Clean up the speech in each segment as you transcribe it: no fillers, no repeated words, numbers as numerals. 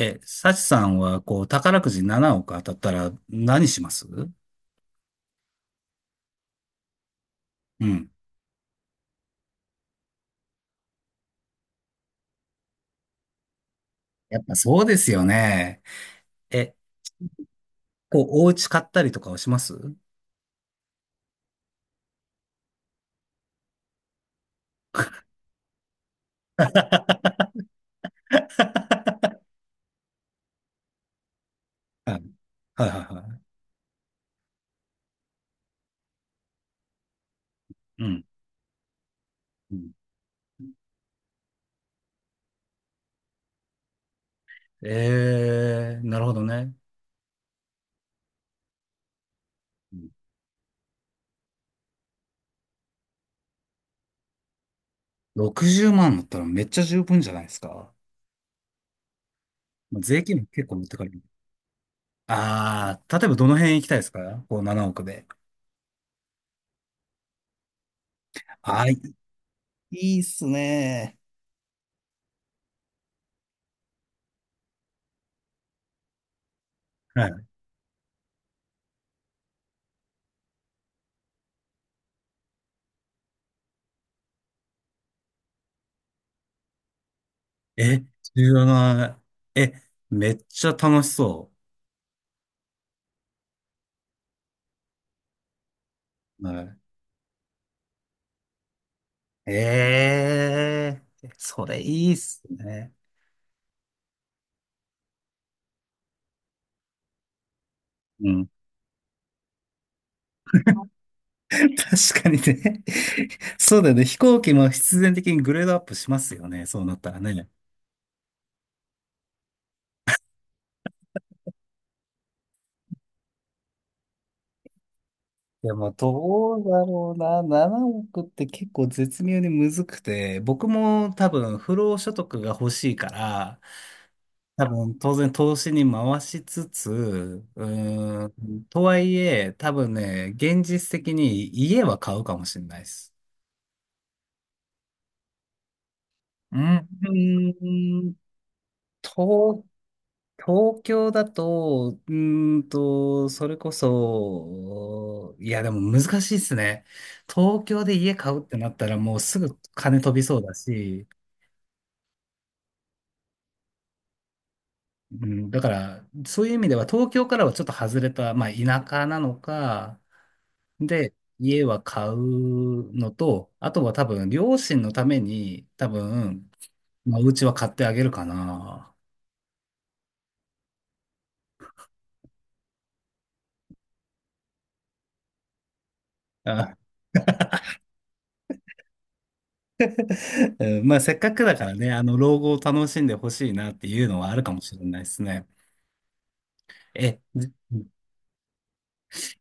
サチさんは、こう、宝くじ7億当たったら何しますうん。やっぱそうですよね。え、こう、お家買ったりとかはします？ はいはいはいはい。うん。うん。なるほどね。うん。60万だったらめっちゃ十分じゃないですか。まあ税金も結構持ってかれる。あー、例えばどの辺行きたいですか？こう7億で。あー、いいっすね。え、知らない。え、めっちゃ楽しそう。はい。それいいっすね。うん。確かにね。そうだよね。飛行機も必然的にグレードアップしますよね。そうなったらね。でも、どうだろうな。7億って結構絶妙にむずくて、僕も多分、不労所得が欲しいから、多分、当然投資に回しつつ、とはいえ、多分ね、現実的に家は買うかもしれないです。うん。東、東京だと、それこそ、いや、でも難しいですね。東京で家買うってなったら、もうすぐ金飛びそうだし、うん、だから、そういう意味では、東京からはちょっと外れた、まあ、田舎なのか、で、家は買うのと、あとは多分、両親のために、多分、まあ、お家は買ってあげるかな。あ、うん。まあ、せっかくだからね、老後を楽しんでほしいなっていうのはあるかもしれないですね。え、じ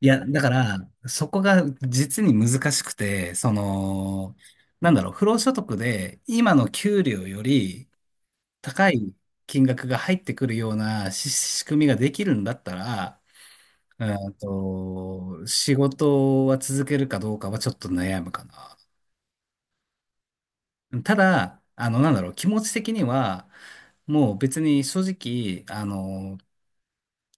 いや、だから、そこが実に難しくて、その、なんだろう、不労所得で、今の給料より高い金額が入ってくるような仕組みができるんだったら、仕事は続けるかどうかはちょっと悩むかな。ただ、なんだろう、気持ち的には、もう別に正直、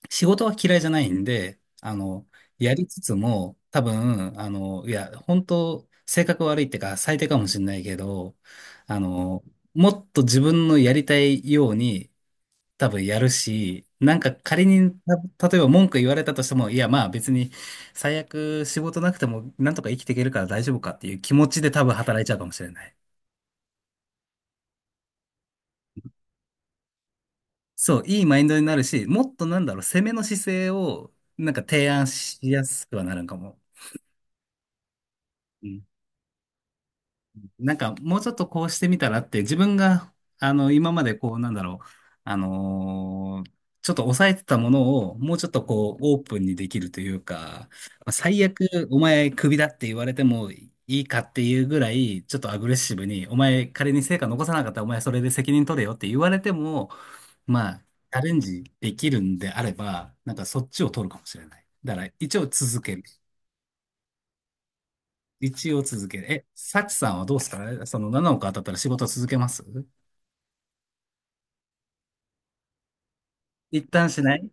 仕事は嫌いじゃないんで、やりつつも、多分、いや、本当性格悪いってか、最低かもしれないけど、あの、もっと自分のやりたいように多分やるし、なんか仮に、例えば文句言われたとしても、いやまあ別に最悪仕事なくてもなんとか生きていけるから大丈夫かっていう気持ちで多分働いちゃうかもしれない。そう、いいマインドになるし、もっとなんだろう、攻めの姿勢をなんか提案しやすくはなるんかも。なんかもうちょっとこうしてみたらって自分が今までこうなんだろうあのーちょっと抑えてたものをもうちょっとこうオープンにできるというか、まあ、最悪お前クビだって言われてもいいかっていうぐらいちょっとアグレッシブに、お前仮に成果残さなかったらお前それで責任取れよって言われてもまあチャレンジできるんであればなんかそっちを取るかもしれない。だから一応続ける。一応続ける。サチさんはどうですか、その7億当たったら仕事続けます？一旦しない？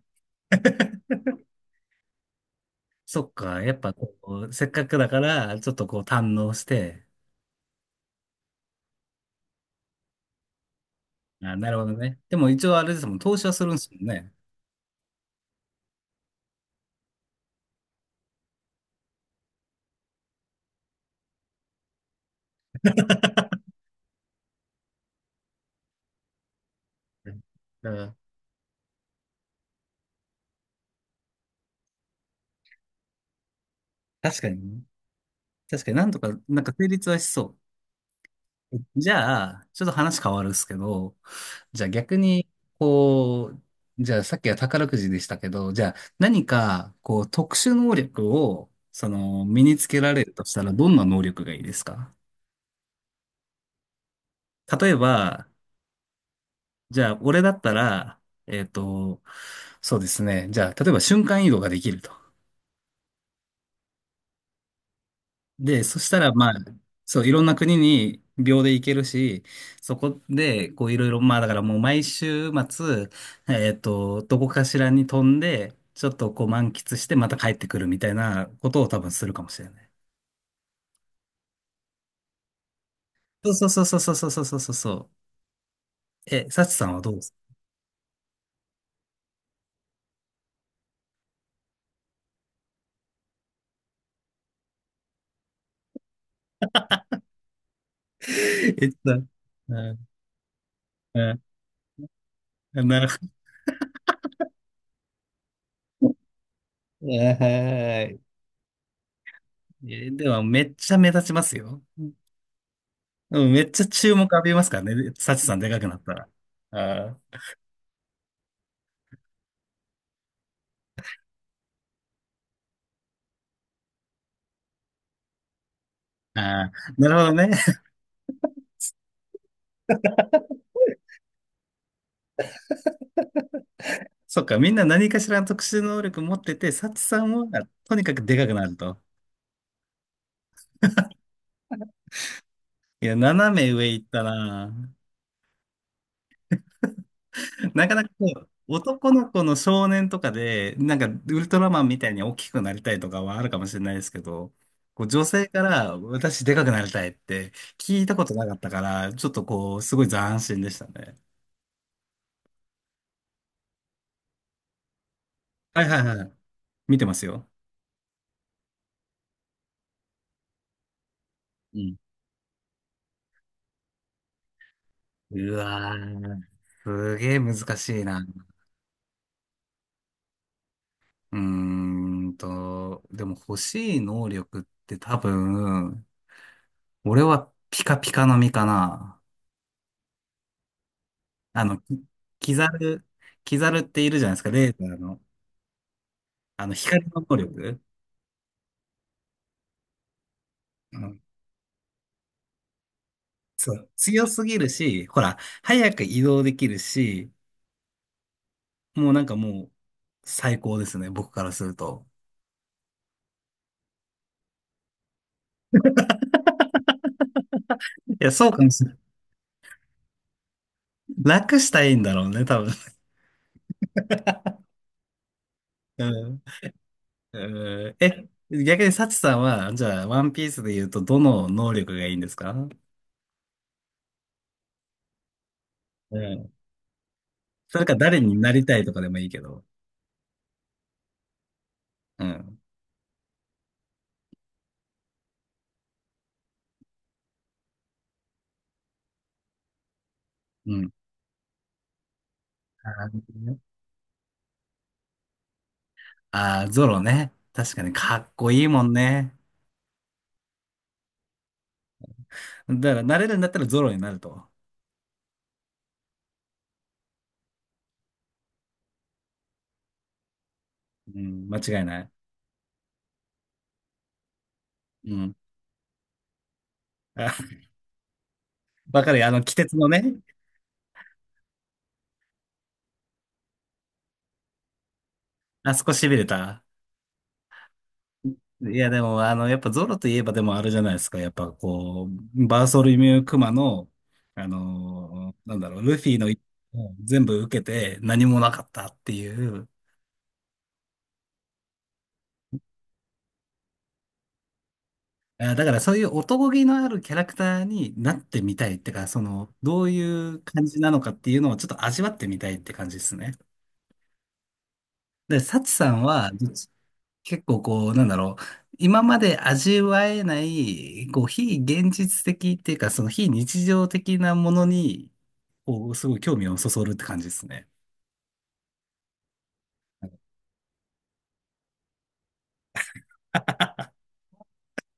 そっか。やっぱこう、せっかくだから、ちょっとこう堪能して。あ、なるほどね。でも一応あれですもん、投資はするんですもんね。うん。だから確かにね。確かになんとか、なんか成立はしそう。じゃあ、ちょっと話変わるっすけど、じゃあ逆に、こう、じゃあさっきは宝くじでしたけど、じゃあ何か、こう、特殊能力を、その、身につけられるとしたら、どんな能力がいいですか？例えば、じゃあ俺だったら、えっと、そうですね。じゃあ、例えば瞬間移動ができると。で、そしたら、まあ、そう、いろんな国に秒で行けるし、そこで、こう、いろいろ、まあ、だからもう毎週末、どこかしらに飛んで、ちょっとこう満喫して、また帰ってくるみたいなことを多分するかもしれない。そうそうそうそうそうそうそうそうそう。サチさんはどうですか？ えっと、うん、うん、なるほど えーえでも、めっちゃ目立ちますよ。うん、めっちゃ注目浴びますからね、サチさんでかくなったら。あーああ、なるほどね。そっか、みんな何かしらの特殊能力持ってて、サチさんはとにかくでかくなると。いや、斜め上行ったな。なかなかこう、男の子の少年とかで、なんかウルトラマンみたいに大きくなりたいとかはあるかもしれないですけど、こう女性から私でかくなりたいって聞いたことなかったから、ちょっとこう、すごい斬新でしたね。はいはいはい。見てますよ。うん。うわー、すげえ難しいな。うーでも欲しい能力って多分、俺はピカピカの実かな。あの、キキザル、キザルっているじゃないですか、レーザーの。光の能力。うん、そう。強すぎるし、ほら、早く移動できるし、もうなんかもう、最高ですね、僕からすると。いや、そうかもしれない。楽したいんだろうね、多分。うん。うん。逆にサチさんは、じゃあ、ワンピースで言うと、どの能力がいいんですか？うん。それか誰になりたいとかでもいいけど。うん。うん。あー、ね。あー、ゾロね。確かにかっこいいもんね。だから、なれるんだったらゾロになると。うん、間違いない。うん。あ、わかるよ。鬼徹のね、あそこ痺れた。いや、でも、やっぱゾロといえばでもあれじゃないですか。やっぱこう、バーソルミュークマの、なんだろう、ルフィの一撃を全部受けて何もなかったっていう。あ、だからそういう男気のあるキャラクターになってみたいってか、その、どういう感じなのかっていうのをちょっと味わってみたいって感じですね。で、サチさんは、どっち結構こう、なんだろう、今まで味わえない、こう、非現実的っていうか、その非日常的なものに、こう、すごい興味をそそるって感じですね。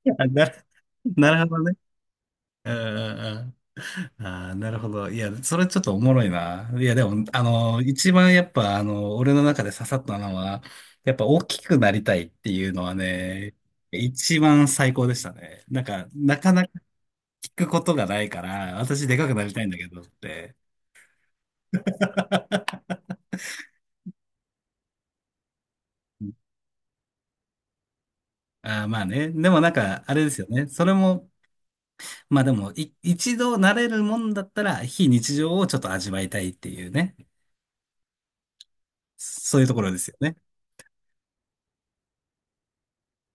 なる、なるほどね。うんうんうん。ああ、なるほど。いや、それちょっとおもろいな。いや、でも、一番やっぱ、俺の中で刺さったのは、やっぱ大きくなりたいっていうのはね、一番最高でしたね。なんか、なかなか聞くことがないから、私でかくなりたいんだけどって。ああ、まあね。でもなんか、あれですよね。それも、まあでも、一度慣れるもんだったら、非日常をちょっと味わいたいっていうね。そういうところですよね。